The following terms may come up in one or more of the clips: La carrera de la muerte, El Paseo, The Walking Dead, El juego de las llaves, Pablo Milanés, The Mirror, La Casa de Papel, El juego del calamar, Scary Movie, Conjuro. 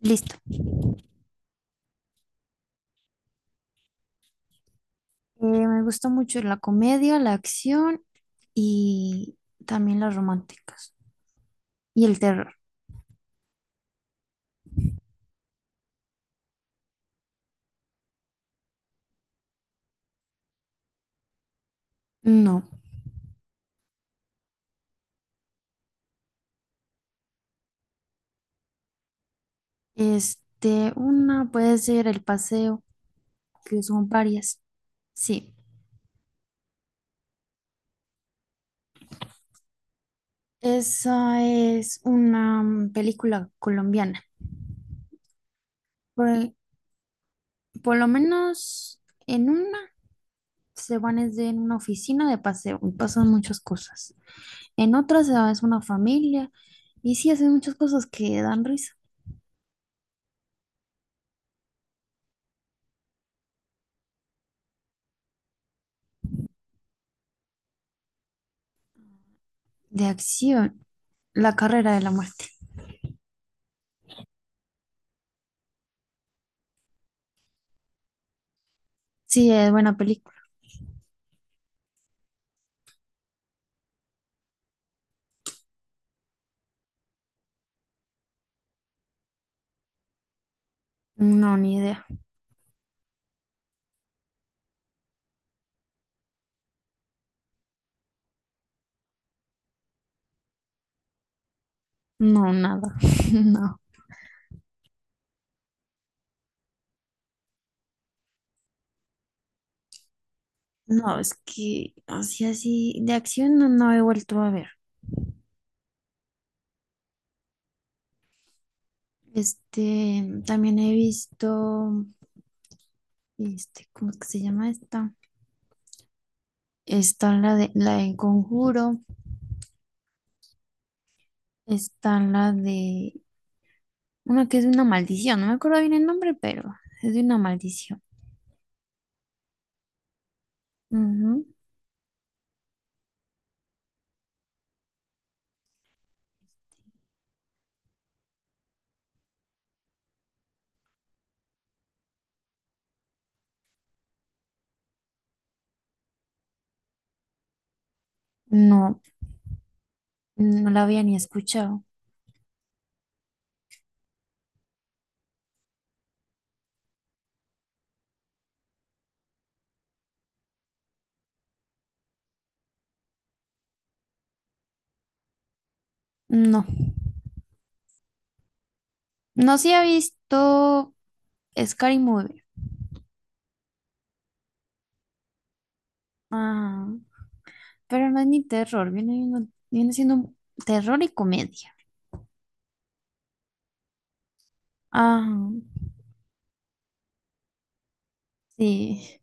Listo. Me gusta mucho la comedia, la acción y también las románticas. Y el terror. No. Este, una puede ser El Paseo, que son varias. Sí. Esa es una película colombiana. Por, el- por lo menos en una se van es de- en una oficina de paseo y pasan muchas cosas. En otra se va es una familia y sí hacen muchas cosas que dan risa. De acción, La carrera de la muerte. Sí, es buena película. No, ni idea. No, nada. No. No, es que así, así, de acción no, no he vuelto a ver. Este, también he visto, este, ¿cómo es que se llama esta? Está la de Conjuro, está la de, una que es de una maldición, no me acuerdo bien el nombre, pero es de una maldición. Ujú. No, no la había ni escuchado. No, no sí he visto Scary Movie. Ajá. Pero no es ni terror, viene siendo un terror y comedia. Ajá, sí.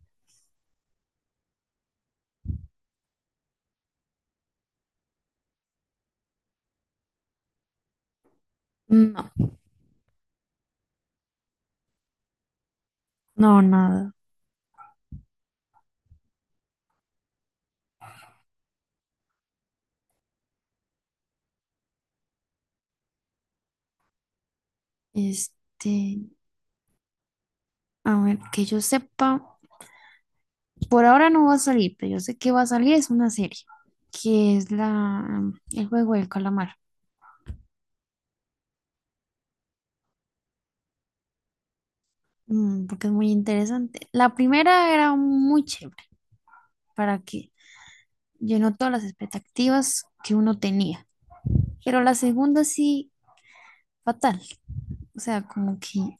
No, no, nada. Este, a ver, que yo sepa, por ahora no va a salir, pero yo sé que va a salir, es una serie, que es la, el juego del calamar. Porque es muy interesante. La primera era muy chévere, para que llenó todas las expectativas que uno tenía, pero la segunda sí, fatal, o sea, como que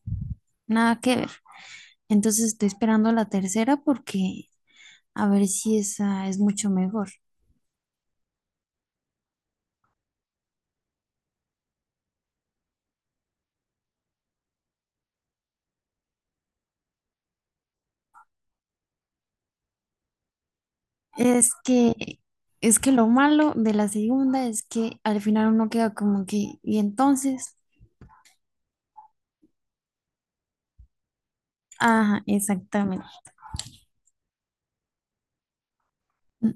nada que ver. Entonces estoy esperando la tercera porque a ver si esa es mucho mejor. Es que, es que lo malo de la segunda es que al final uno queda como que, y entonces, ajá, exactamente, mm,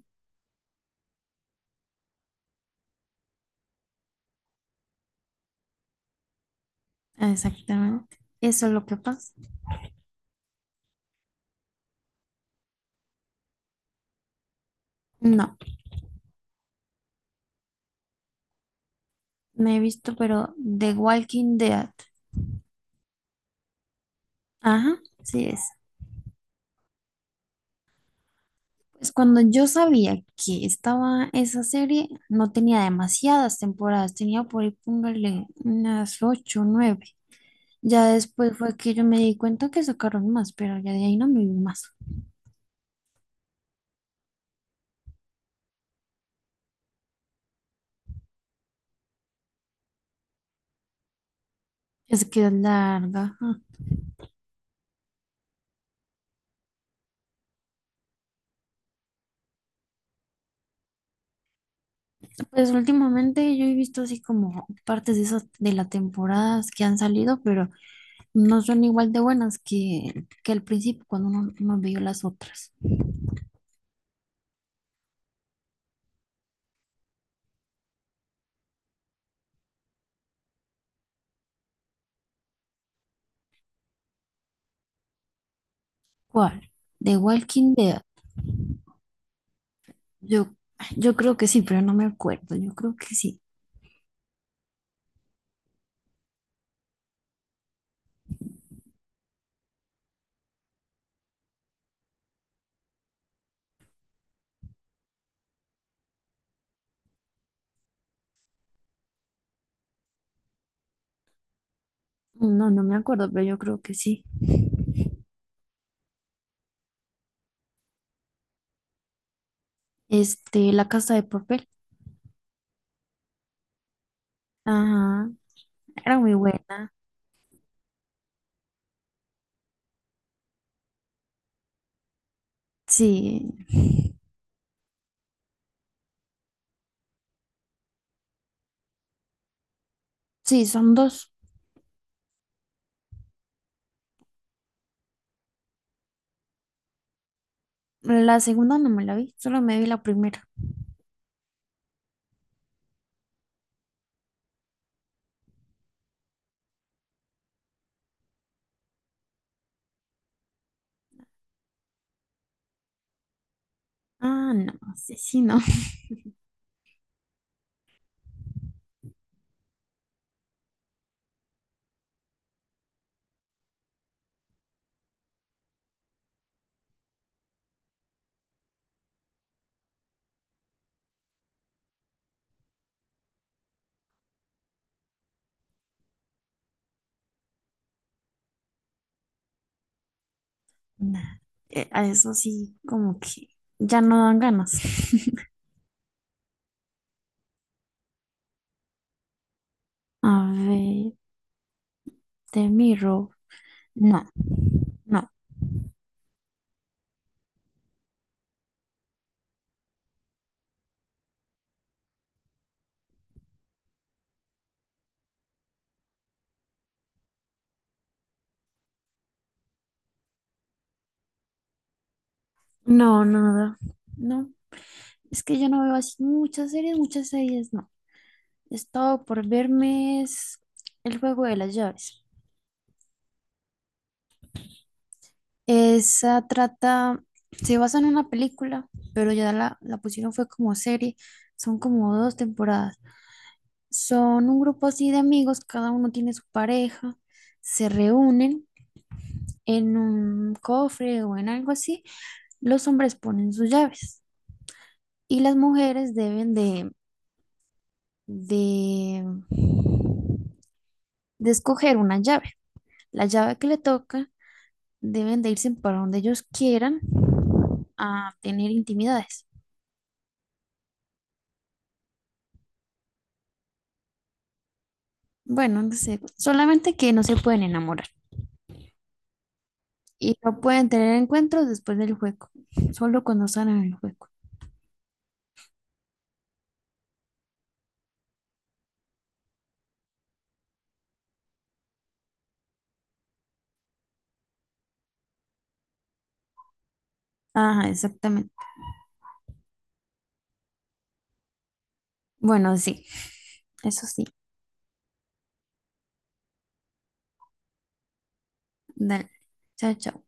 exactamente. Eso es lo que pasa. No, me he visto, pero The Walking Dead. Ajá, sí es. Pues cuando yo sabía que estaba esa serie, no tenía demasiadas temporadas, tenía por ahí, póngale, unas ocho, o nueve. Ya después fue que yo me di cuenta que sacaron más, pero ya de ahí no me vi más. Es que es larga. Ah, pues últimamente yo he visto así como partes de esas de las temporadas que han salido, pero no son igual de buenas que al principio cuando uno, uno vio las otras. ¿Cuál? ¿The Walking Dead? Yo, yo creo que sí, pero no me acuerdo. Yo creo que sí. No, no me acuerdo, pero yo creo que sí. Este, La Casa de Papel. Ajá, era muy buena. Sí. Sí, son dos. La segunda no me la vi, solo me vi la primera. Ah, no, sí, sí, no. Nah, a eso sí, como que ya no dan ganas. A ver, The Mirror, no, no, no, no, no. No, es que yo no veo así muchas series, no. He estado por verme es El juego de las llaves. Esa trata, se basa en una película, pero ya la pusieron fue como serie. Son como dos temporadas. Son un grupo así de amigos, cada uno tiene su pareja, se reúnen en un cofre o en algo así. Los hombres ponen sus llaves y las mujeres deben de, de escoger una llave. La llave que le toca deben de irse para donde ellos quieran a tener intimidades. Bueno, no sé, solamente que no se pueden enamorar y no pueden tener encuentros después del juego, solo cuando están en el juego. Ajá, exactamente. Bueno, sí, eso sí. Dale. Chao, chao.